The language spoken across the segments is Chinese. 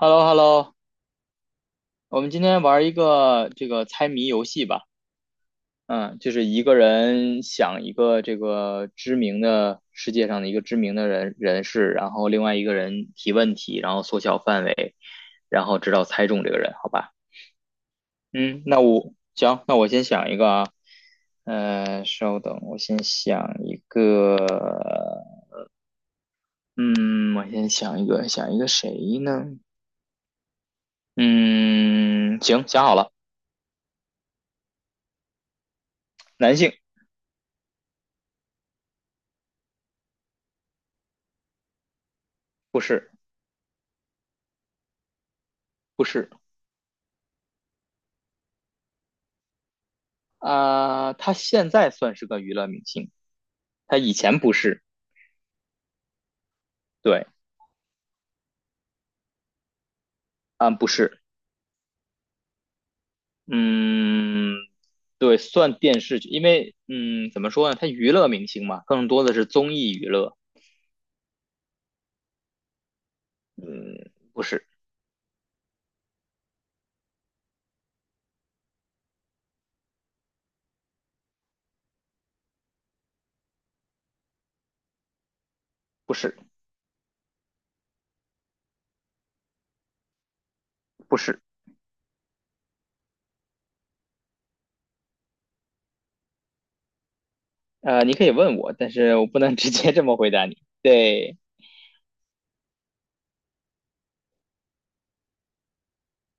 h e l l o h e l l o 我们今天玩一个这个猜谜游戏吧。嗯，就是一个人想一个这个知名的世界上的一个知名的人士，然后另外一个人提问题，然后缩小范围，然后直到猜中这个人，好吧？嗯，那我行，那我先想一个啊。稍等，我先想一个。嗯，我先想一个，想一个谁呢？嗯，行，想好了，男性，不是，不是。啊、他现在算是个娱乐明星，他以前不是，对，啊、不是，嗯，对，算电视剧，因为，嗯，怎么说呢，他娱乐明星嘛，更多的是综艺娱乐，嗯，不是，不是，不是，你可以问我，但是我不能 直接这么回答你，对，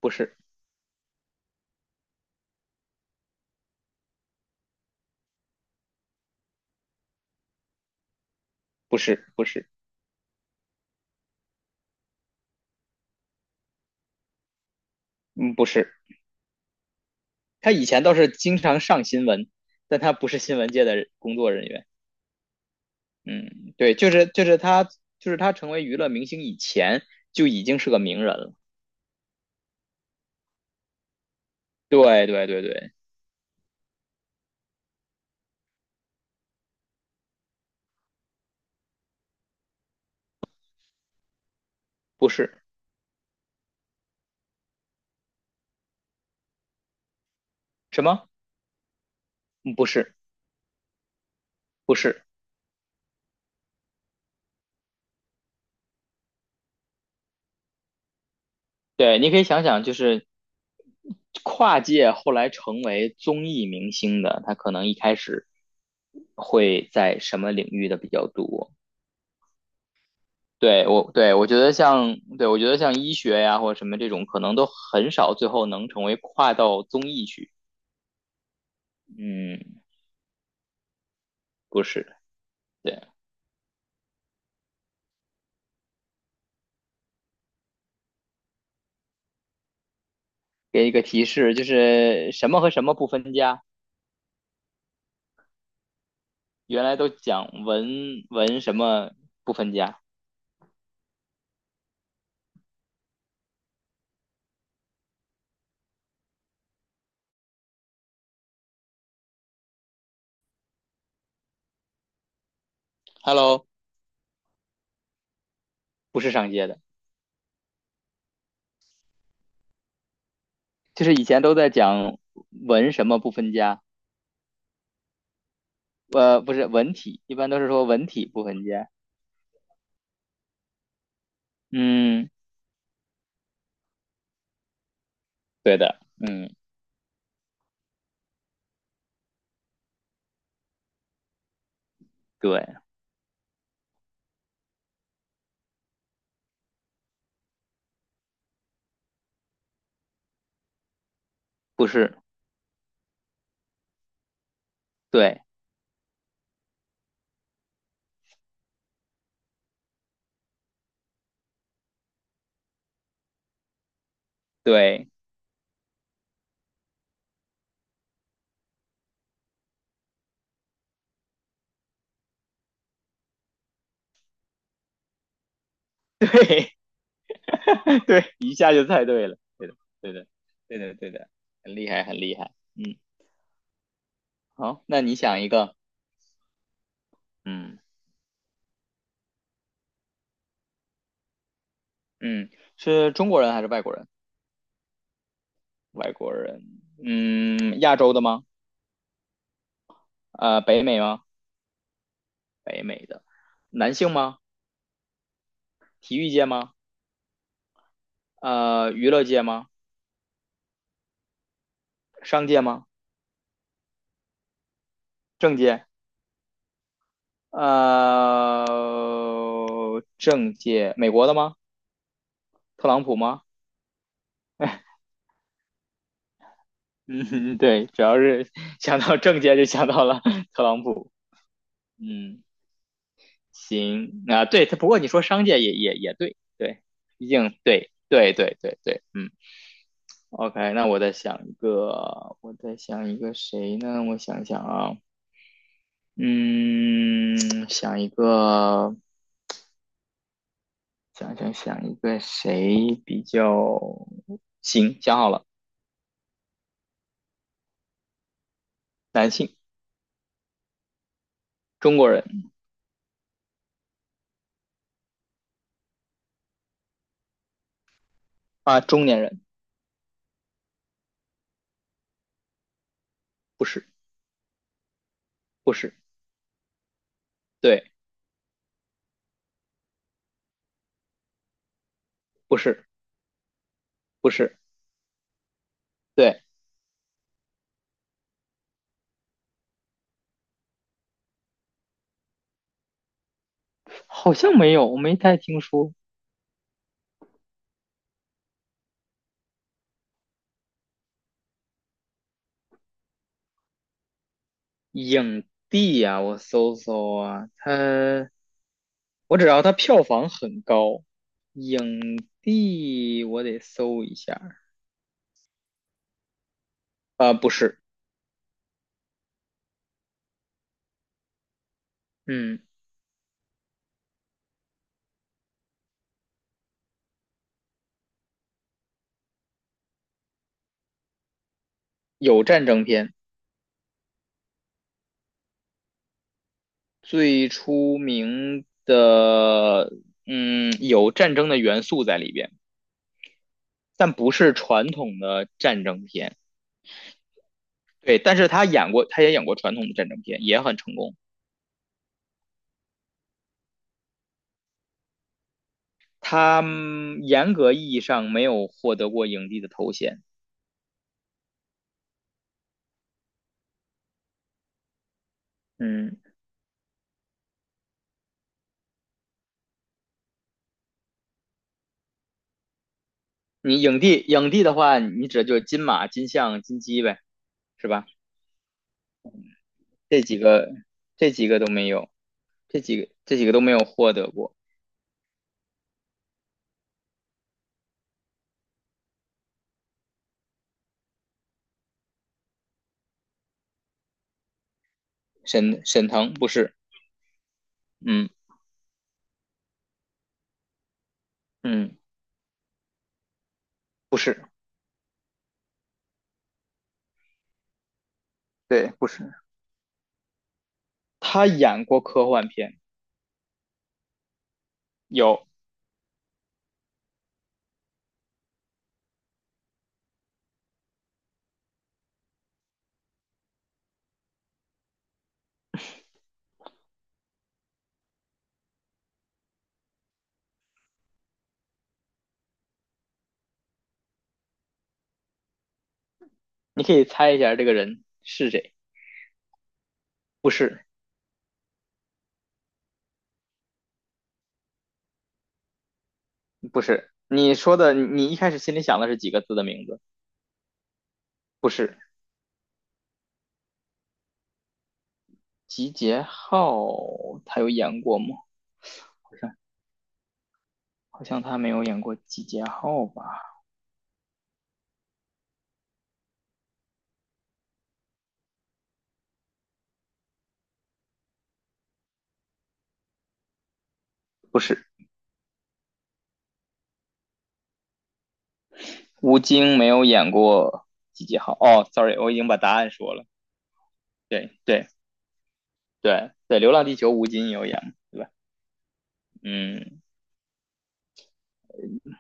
不是，不是，不是，嗯，不是，他以前倒是经常上新闻，但他不是新闻界的工作人员。嗯，对，就是就是他就是他成为娱乐明星以前就已经是个名人了。对对对对，不是什么，嗯，不是，对，你可以想想，就是跨界后来成为综艺明星的，他可能一开始会在什么领域的比较多？对我对我觉得像对我觉得像医学呀或者什么这种，可能都很少最后能成为跨到综艺去。嗯，不是，对。给一个提示，就是什么和什么不分家？原来都讲文什么不分家，Hello，不是上街的，就是以前都在讲文什么不分家，不是文体，一般都是说文体不分家。嗯，对的，嗯，对，不是，对，对，对，太对了，对的，对的，对的，对的，很厉害，很厉害。嗯，好，那你想一个，嗯嗯，是中国人还是外国人？外国人，嗯，亚洲的吗？北美吗？北美的，男性吗？体育界吗？娱乐界吗？商界吗？政界？政界，美国的吗？特朗普吗？嗯，对，主要是想到政界就想到了 特朗普。嗯，行啊，对，他不过你说商界也对，对，毕竟对对对对对，嗯，OK，那我再想一个，我再想一个谁呢？我想想啊，嗯，想一个，想想一个谁比较行？想好了，男性，中国人啊，中年人，不是，不是，对，不是，不是，对，好像没有，我没太听说，影帝呀，我搜搜啊，他我只要他票房很高，影帝我得搜一下儿啊、不是，嗯，有战争片，最出名的，嗯，有战争的元素在里边，但不是传统的战争片。对，但是他演过，他也演过传统的战争片，也很成功。他严格意义上没有获得过影帝的头衔。嗯。你影帝，影帝的话，你指的就是金马、金像、金鸡呗，是吧？这几个，这几个都没有，这几个，这几个都没有获得过。沈腾不是，嗯嗯，不是，对，不是。他演过科幻片，有，你可以猜一下这个人是谁？不是，不是。你说的，你一开始心里想的是几个字的名字？不是，集结号，他有演过吗？好像他没有演过集结号吧？不是，吴京没有演过几号。哦，sorry，我已经把答案说了。对对对对，《流浪地球》吴京有演，对吧？嗯，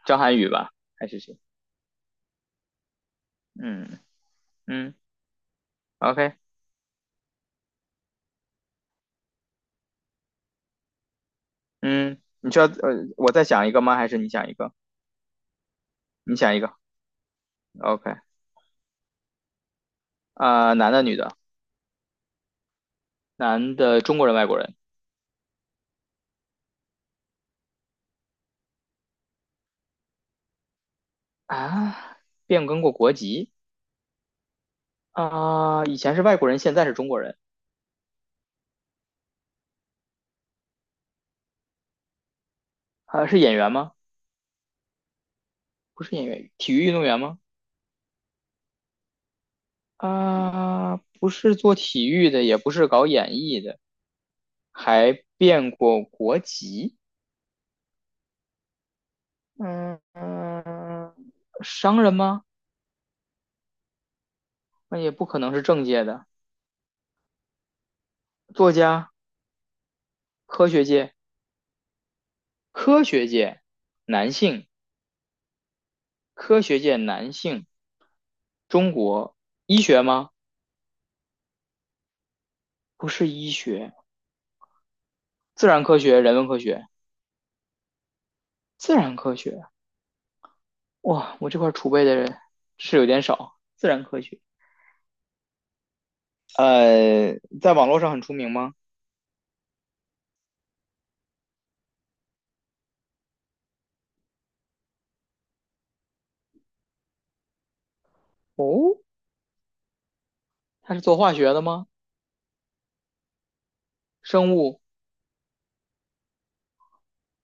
张涵予吧，还是谁？嗯嗯，OK，嗯，你需要我再想一个吗？还是你想一个？你想一个，OK，啊，男的女的？男的中国人外国人啊？变更过国籍啊？以前是外国人，现在是中国人啊？是演员吗？不是演员，体育运动员吗？啊，不是做体育的，也不是搞演艺的，还变过国籍。嗯嗯，商人吗？那也不可能是政界的。作家，科学界，科学界男性，科学界男性。中国医学吗？不是医学，自然科学、人文科学，自然科学。哇，我这块储备的人是有点少。自然科学，在网络上很出名吗？哦，他是做化学的吗？生物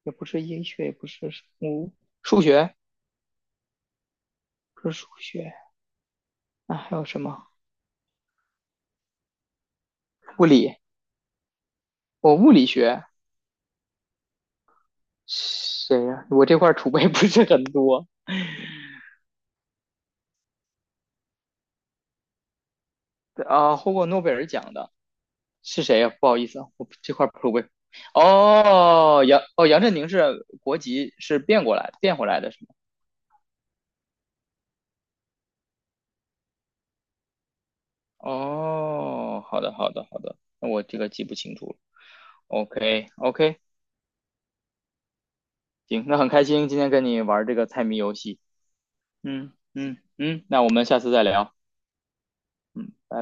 也不是医学，也不是生物，数学不是数学那还有什么？物理，我物理学谁呀、我这块储备不是很多啊，获过诺贝尔奖的是谁呀、不好意思啊，我这块儿储备。哦，杨振宁是国籍是变过来的变回来的是吗？哦，好的，好的，好的，那我这个记不清楚了。OK，OK，行，那很开心今天跟你玩这个猜谜游戏。嗯嗯嗯，那我们下次再聊。嗯。拜